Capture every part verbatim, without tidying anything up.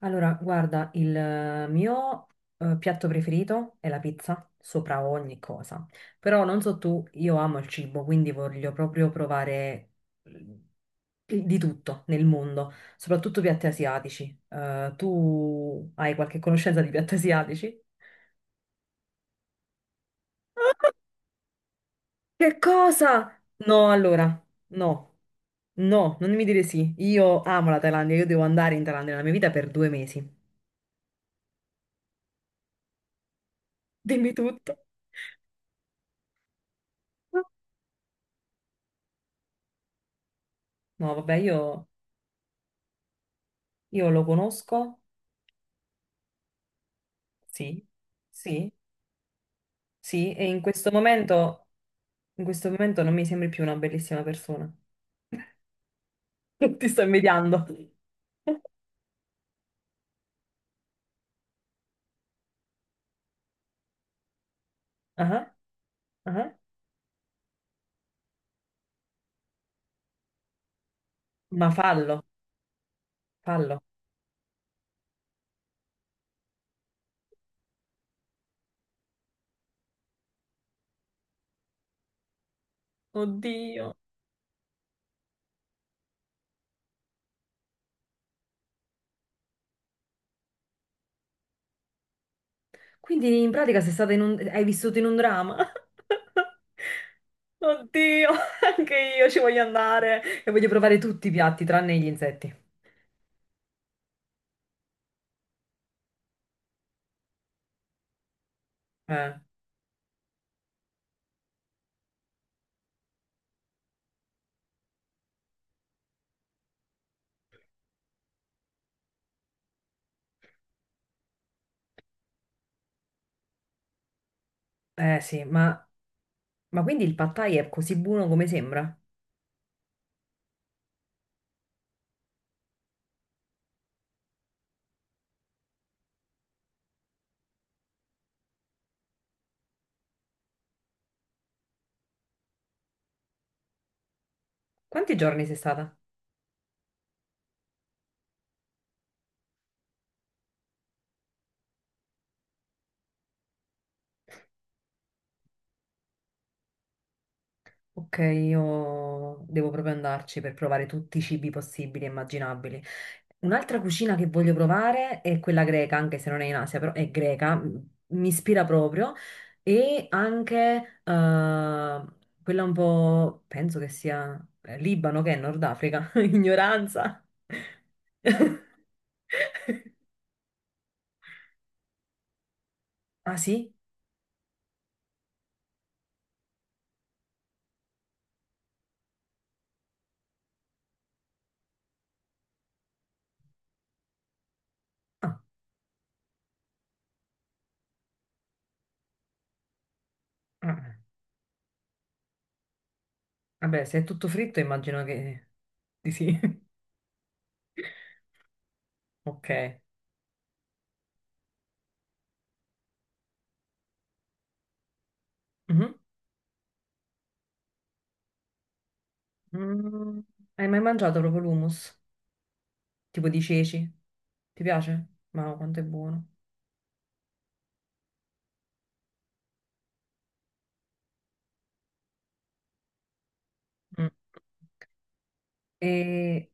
Allora, guarda, il eh, mio eh, piatto preferito è la pizza, sopra ogni cosa. Però non so tu, io amo il cibo, quindi voglio proprio provare eh, di tutto nel mondo, soprattutto piatti asiatici. Eh, tu hai qualche conoscenza di piatti asiatici? Che cosa? No, allora, no, no, non mi dire sì. Io amo la Thailandia, io devo andare in Thailandia nella mia vita per due mesi. Dimmi tutto. No, vabbè, io... Io lo conosco, sì, sì, sì, e in questo momento, in questo momento non mi sembri più una bellissima persona. Ti sto invidiando. Ah, ah. Ma fallo, fallo. Oddio. Quindi in pratica sei stata in un... hai vissuto in un dramma? Oddio, anche io ci voglio andare e voglio provare tutti i piatti tranne gli insetti. Eh, eh sì, ma, ma quindi il pad thai è così buono come sembra? Quanti giorni sei stata? Ok, io devo proprio andarci per provare tutti i cibi possibili e immaginabili. Un'altra cucina che voglio provare è quella greca, anche se non è in Asia, però è greca, m- mi ispira proprio, e anche eh, quella un po', penso che sia eh, Libano, che è Nord Africa, ignoranza. Ah sì? Ah, ah, ah. Vabbè, se è tutto fritto immagino che di sì. Ok. Mhm. Mm, hai mai mangiato proprio l'hummus? Tipo di ceci? Ti piace? Ma quanto è buono. Mm. E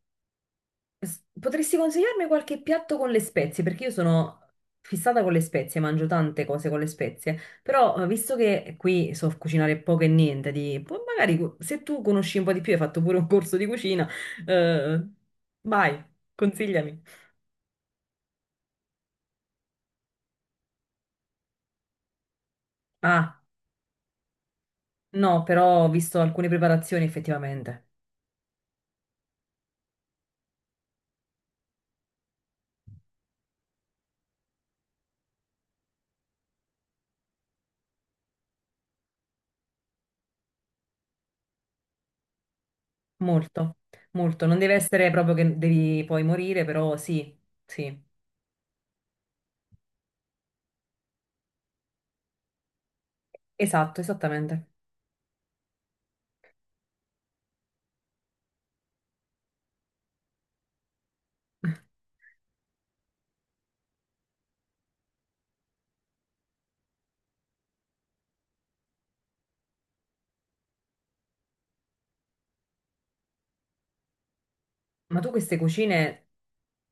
s- potresti consigliarmi qualche piatto con le spezie? Perché io sono fissata con le spezie, mangio tante cose con le spezie, però eh, visto che qui so cucinare poco e niente, di, poi magari cu- se tu conosci un po' di più, hai fatto pure un corso di cucina, eh, vai, consigliami. Ah, no, però ho visto alcune preparazioni effettivamente. Molto, molto. Non deve essere proprio che devi poi morire, però sì, sì. Esatto, esattamente. Ma tu queste cucine,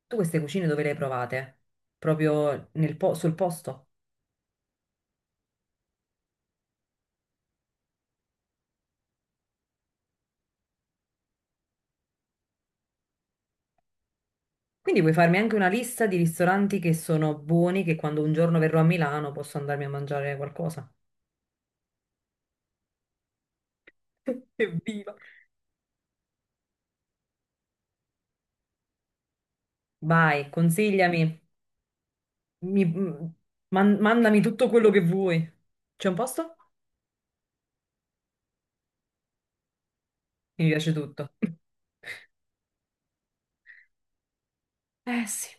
tu queste cucine dove le hai provate? Proprio nel po- sul posto? Quindi puoi farmi anche una lista di ristoranti che sono buoni, che quando un giorno verrò a Milano posso andarmi a mangiare qualcosa. Evviva! Vai, consigliami, mi- m- man- mandami tutto quello che vuoi. C'è un posto? Mi piace tutto. Eh sì.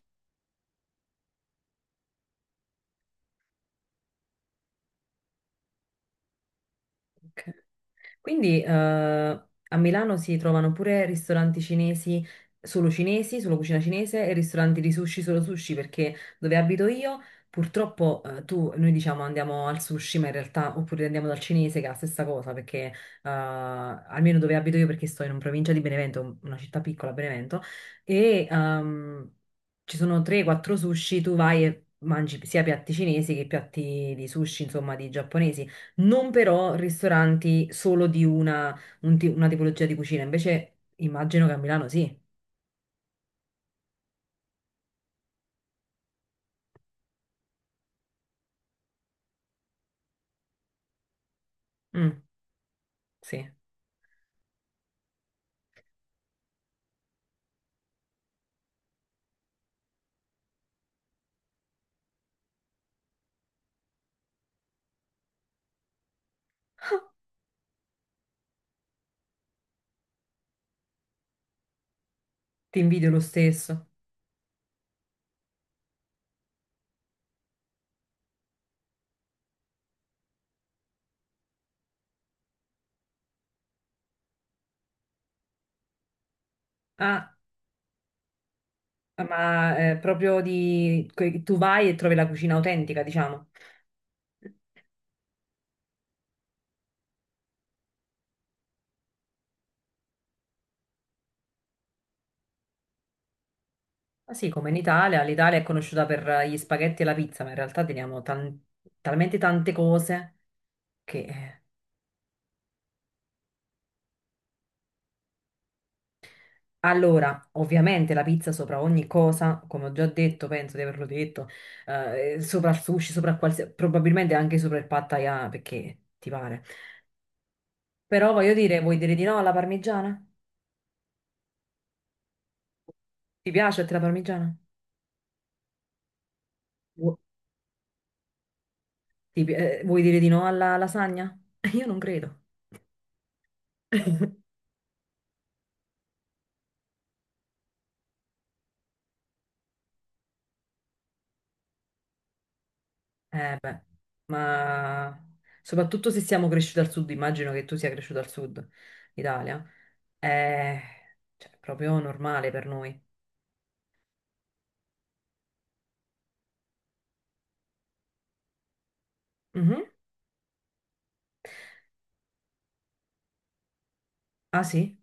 Ok. Quindi eh, a Milano si trovano pure ristoranti cinesi solo cinesi, solo cucina cinese e ristoranti di sushi solo sushi, perché dove abito io purtroppo eh, tu, noi diciamo andiamo al sushi, ma in realtà oppure andiamo dal cinese che è la stessa cosa, perché eh, almeno dove abito io, perché sto in una provincia di Benevento, una città piccola, Benevento, e ehm, ci sono tre quattro sushi, tu vai e mangi sia piatti cinesi che piatti di sushi, insomma, di giapponesi non però ristoranti solo di una, un ti- una tipologia di cucina, invece immagino che a Milano sì. Mm, sì, ti invidio lo stesso. Ah, ma eh, proprio di... que- tu vai e trovi la cucina autentica, diciamo. Ah sì, come in Italia, l'Italia è conosciuta per gli spaghetti e la pizza, ma in realtà teniamo tan- talmente tante cose che... eh, allora, ovviamente la pizza sopra ogni cosa, come ho già detto, penso di averlo detto, eh, eh, sopra il sushi, sopra qualsiasi, probabilmente anche sopra il pad thai, ah, perché ti pare. Però voglio dire, vuoi dire di no alla parmigiana? Ti piace a te la parmigiana? Vu- ti pi- eh, vuoi dire di no alla lasagna? Io non credo. Eh beh, ma soprattutto se siamo cresciuti al sud, immagino che tu sia cresciuto al sud Italia, è cioè, proprio normale per noi. Mhm. Ah sì?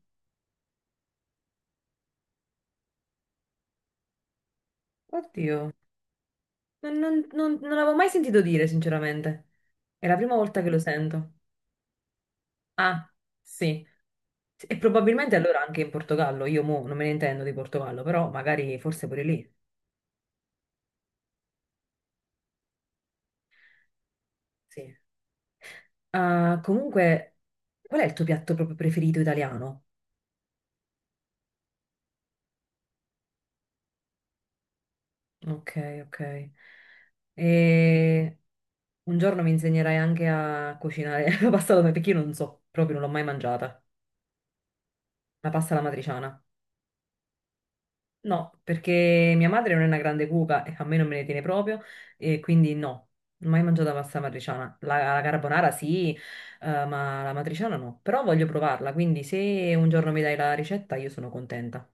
Oddio. Non, non- non- non l'avevo mai sentito dire, sinceramente. È la prima volta che lo sento. Ah, sì. E probabilmente allora anche in Portogallo. Io mo non me ne intendo di Portogallo, però magari forse pure lì. Sì. Ah, comunque, qual è il tuo piatto proprio preferito italiano? Ok, ok. E un giorno mi insegnerai anche a cucinare la pasta alla perché io non so, proprio non l'ho mai mangiata. La pasta alla matriciana. No, perché mia madre non è una grande cuoca e a me non me ne tiene proprio, e quindi no, non ho mai mangiato la pasta matriciana. La, la carbonara sì, eh, ma la matriciana no. Però voglio provarla, quindi se un giorno mi dai la ricetta io sono contenta.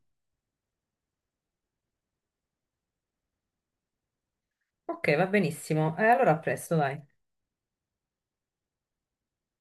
Ok, va benissimo. E allora a presto, dai.